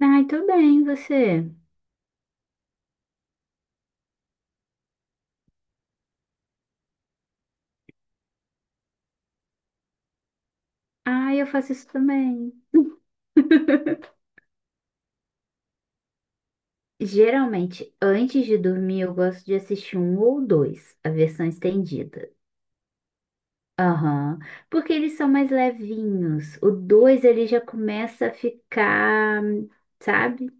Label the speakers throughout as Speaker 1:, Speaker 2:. Speaker 1: Ai, tô bem, você? Ai, eu faço isso também. Geralmente, antes de dormir, eu gosto de assistir um ou dois, a versão estendida. Aham. Porque eles são mais levinhos. O dois, ele já começa a ficar, sabe?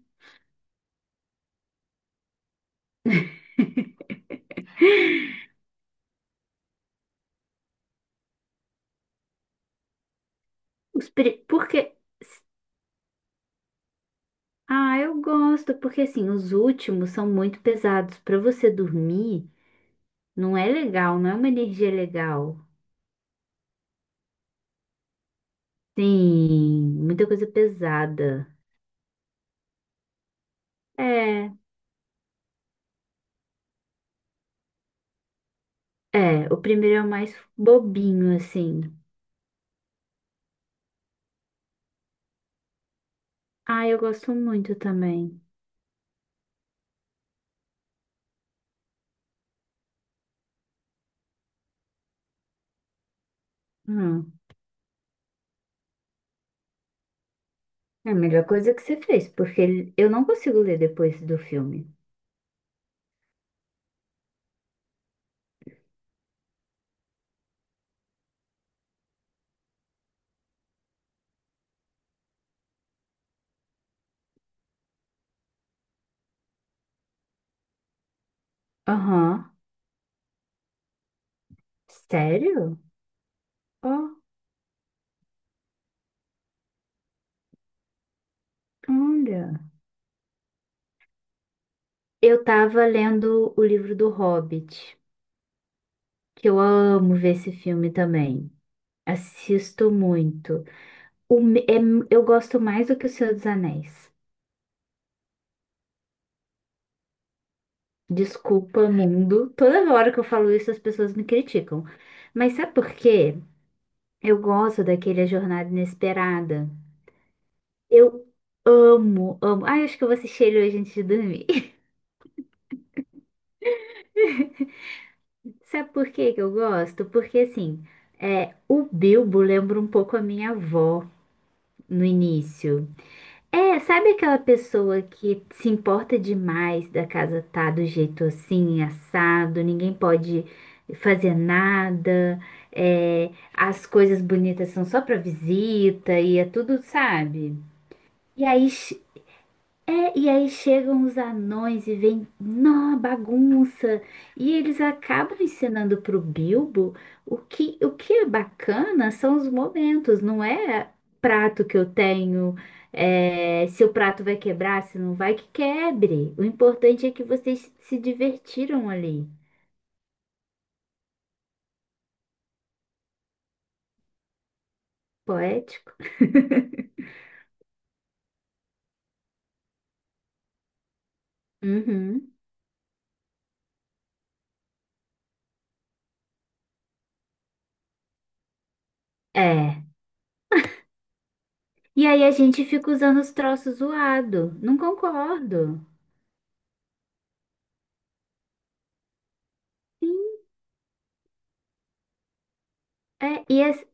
Speaker 1: Porque. Ah, eu gosto, porque assim, os últimos são muito pesados. Pra você dormir, não é legal, não é uma energia legal. Sim, muita coisa pesada. É. É, o primeiro é o mais bobinho, assim. Ah, eu gosto muito também. Hum, é a melhor coisa que você fez, porque eu não consigo ler depois do filme. Aham. Sério? Ó, olha. Eu tava lendo o livro do Hobbit, que eu amo ver esse filme também. Assisto muito. O me- é- eu gosto mais do que O Senhor dos Anéis. Desculpa, mundo. Toda hora que eu falo isso, as pessoas me criticam. Mas sabe por quê? Eu gosto daquele A Jornada Inesperada. Eu amo. Ai, acho que eu vou assistir ele hoje antes de dormir. Sabe por que que eu gosto? Porque assim, o Bilbo lembra um pouco a minha avó no início. É, sabe aquela pessoa que se importa demais da casa tá do jeito assim, assado, ninguém pode fazer nada, as coisas bonitas são só pra visita e é tudo, sabe? E aí É, e aí chegam os anões e vem, nó, bagunça. E eles acabam ensinando pro Bilbo o que é bacana são os momentos, não é prato que eu tenho, é, se o prato vai quebrar, se não vai, que quebre. O importante é que vocês se divertiram ali. Poético. Uhum. É. E aí a gente fica usando os troços zoado. Não concordo. Sim. É, e as...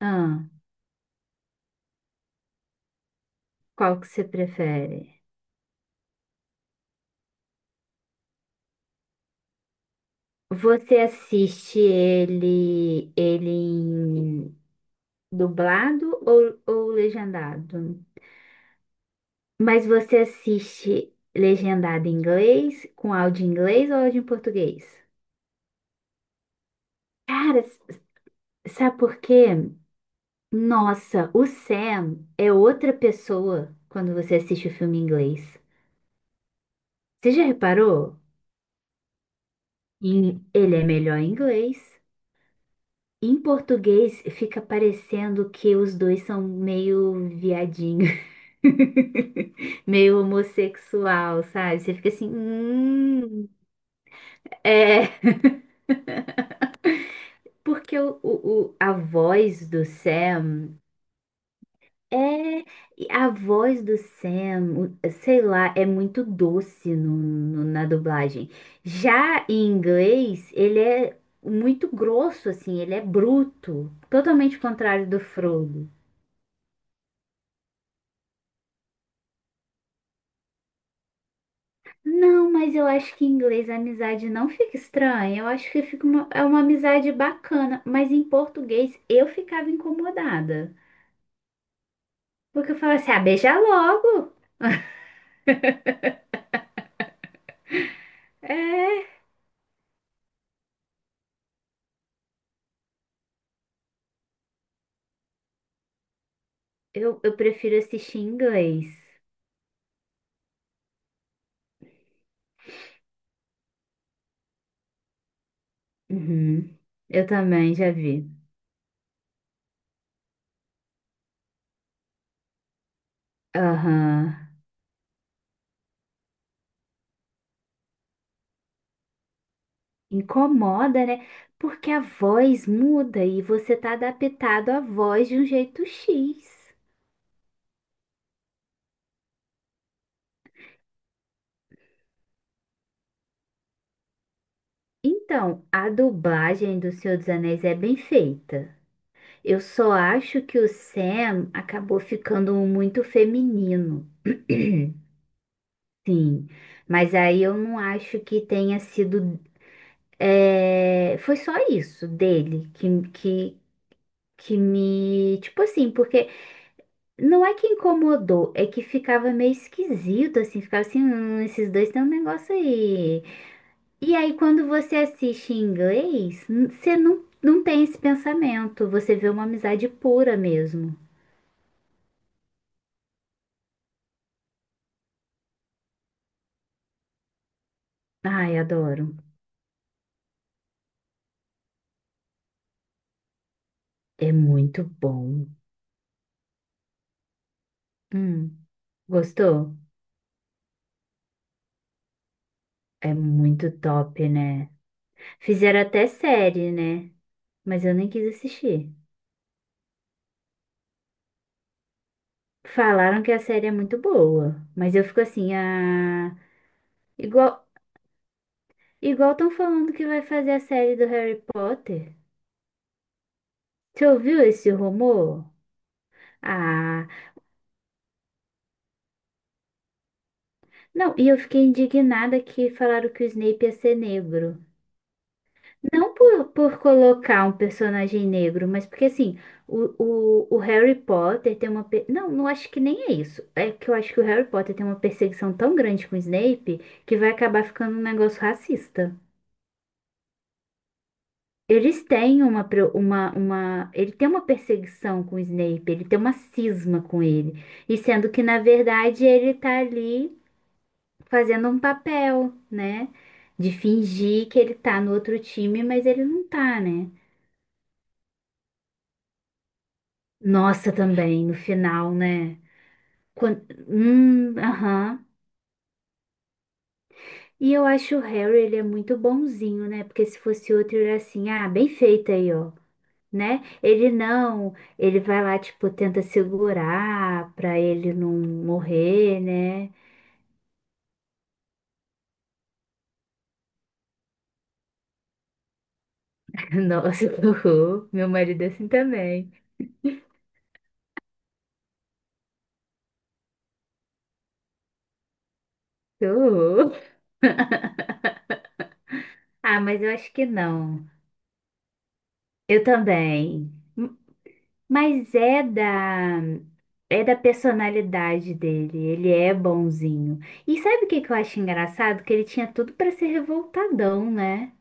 Speaker 1: ah. Qual que você prefere? Você assiste ele em dublado ou legendado? Mas você assiste legendado em inglês, com áudio em inglês ou áudio em português? Cara, sabe por quê? Nossa, o Sam é outra pessoa quando você assiste o filme em inglês. Você já reparou? Ele é melhor em inglês. Em português fica parecendo que os dois são meio viadinho, meio homossexual, sabe? Você fica assim, é, porque a voz do Sam é e a voz do Sam, sei lá, é muito doce na dublagem. Já em inglês, ele é muito grosso, assim, ele é bruto, totalmente contrário do Frodo. Não, mas eu acho que em inglês a amizade não fica estranha. Eu acho que fica é uma amizade bacana. Mas em português eu ficava incomodada. Porque eu falava assim, ah, beija logo. É, eu prefiro assistir em inglês. Uhum. Eu também já vi. Aham. Incomoda, né? Porque a voz muda e você tá adaptado à voz de um jeito X. Então, a dublagem do Senhor dos Anéis é bem feita. Eu só acho que o Sam acabou ficando muito feminino. Sim, mas aí eu não acho que tenha sido. Foi só isso dele que me. Tipo assim, porque não é que incomodou, é que ficava meio esquisito, assim, ficava assim, esses dois têm um negócio aí. E aí quando você assiste em inglês, você não, não tem esse pensamento, você vê uma amizade pura mesmo. Ai, adoro. É muito bom. Hum, gostou? É muito top, né? Fizeram até série, né? Mas eu nem quis assistir. Falaram que a série é muito boa, mas eu fico assim, ah, igual igual estão falando que vai fazer a série do Harry Potter. Você ouviu esse rumor? Ah, não, e eu fiquei indignada que falaram que o Snape ia ser negro. Não por colocar um personagem negro, mas porque assim, o Harry Potter tem uma. Não, não acho que nem é isso. É que eu acho que o Harry Potter tem uma perseguição tão grande com o Snape que vai acabar ficando um negócio racista. Eles têm uma, pre- uma, uma. Ele tem uma perseguição com o Snape, ele tem uma cisma com ele. E sendo que, na verdade, ele tá ali fazendo um papel, né? De fingir que ele tá no outro time, mas ele não tá, né? Nossa, também, no final, né? Quando... aham. E eu acho o Harry, ele é muito bonzinho, né? Porque se fosse outro, ele era assim, ah, bem feito aí, ó, né? Ele não, ele vai lá, tipo, tenta segurar pra ele não morrer, né? Nossa, que horror. Meu marido é assim também. Que horror. Ah, mas eu acho que não. Eu também. Mas é da personalidade dele, ele é bonzinho. E sabe o que que eu acho engraçado? Que ele tinha tudo para ser revoltadão, né?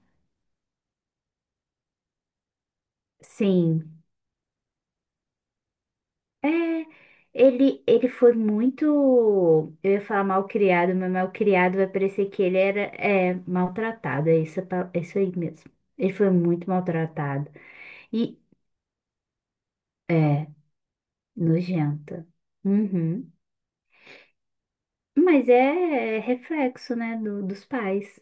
Speaker 1: Sim. É, ele foi muito, eu ia falar mal criado, mas mal criado vai parecer que ele era é maltratado, é isso, é isso aí mesmo. Ele foi muito maltratado. E é nojenta. Uhum. Mas é, é reflexo, né, dos pais.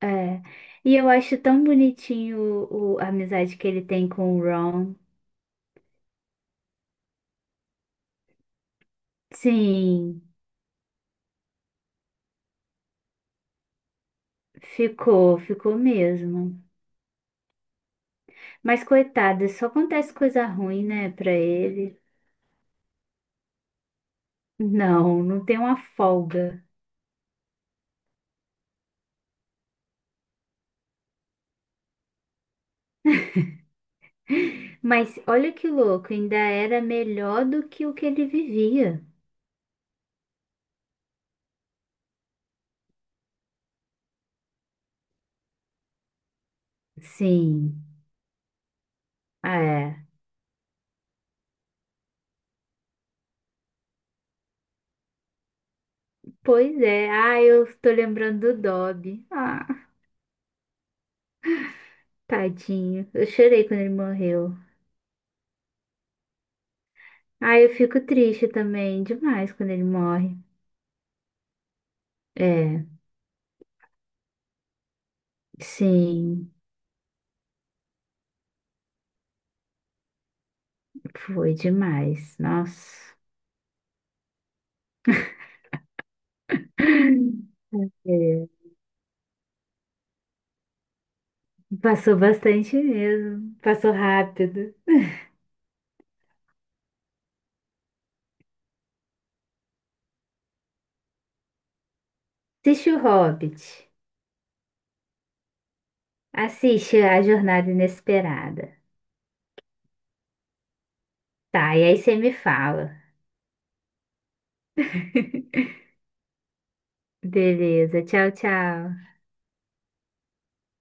Speaker 1: É. E eu acho tão bonitinho a amizade que ele tem com o Ron. Sim, ficou mesmo. Mas coitado, só acontece coisa ruim, né, pra ele. Não, não tem uma folga. Mas olha que louco, ainda era melhor do que o que ele vivia. Sim, é. Pois é. Ah, eu tô lembrando do Dobby. Ah, tadinho. Eu chorei quando ele morreu. Ah, eu fico triste também, demais quando ele morre. É, sim, foi demais. Nossa. É, passou bastante mesmo. Passou rápido. Assiste o Hobbit. Assiste A Jornada Inesperada. Tá, e aí você me fala. Beleza, tchau, tchau.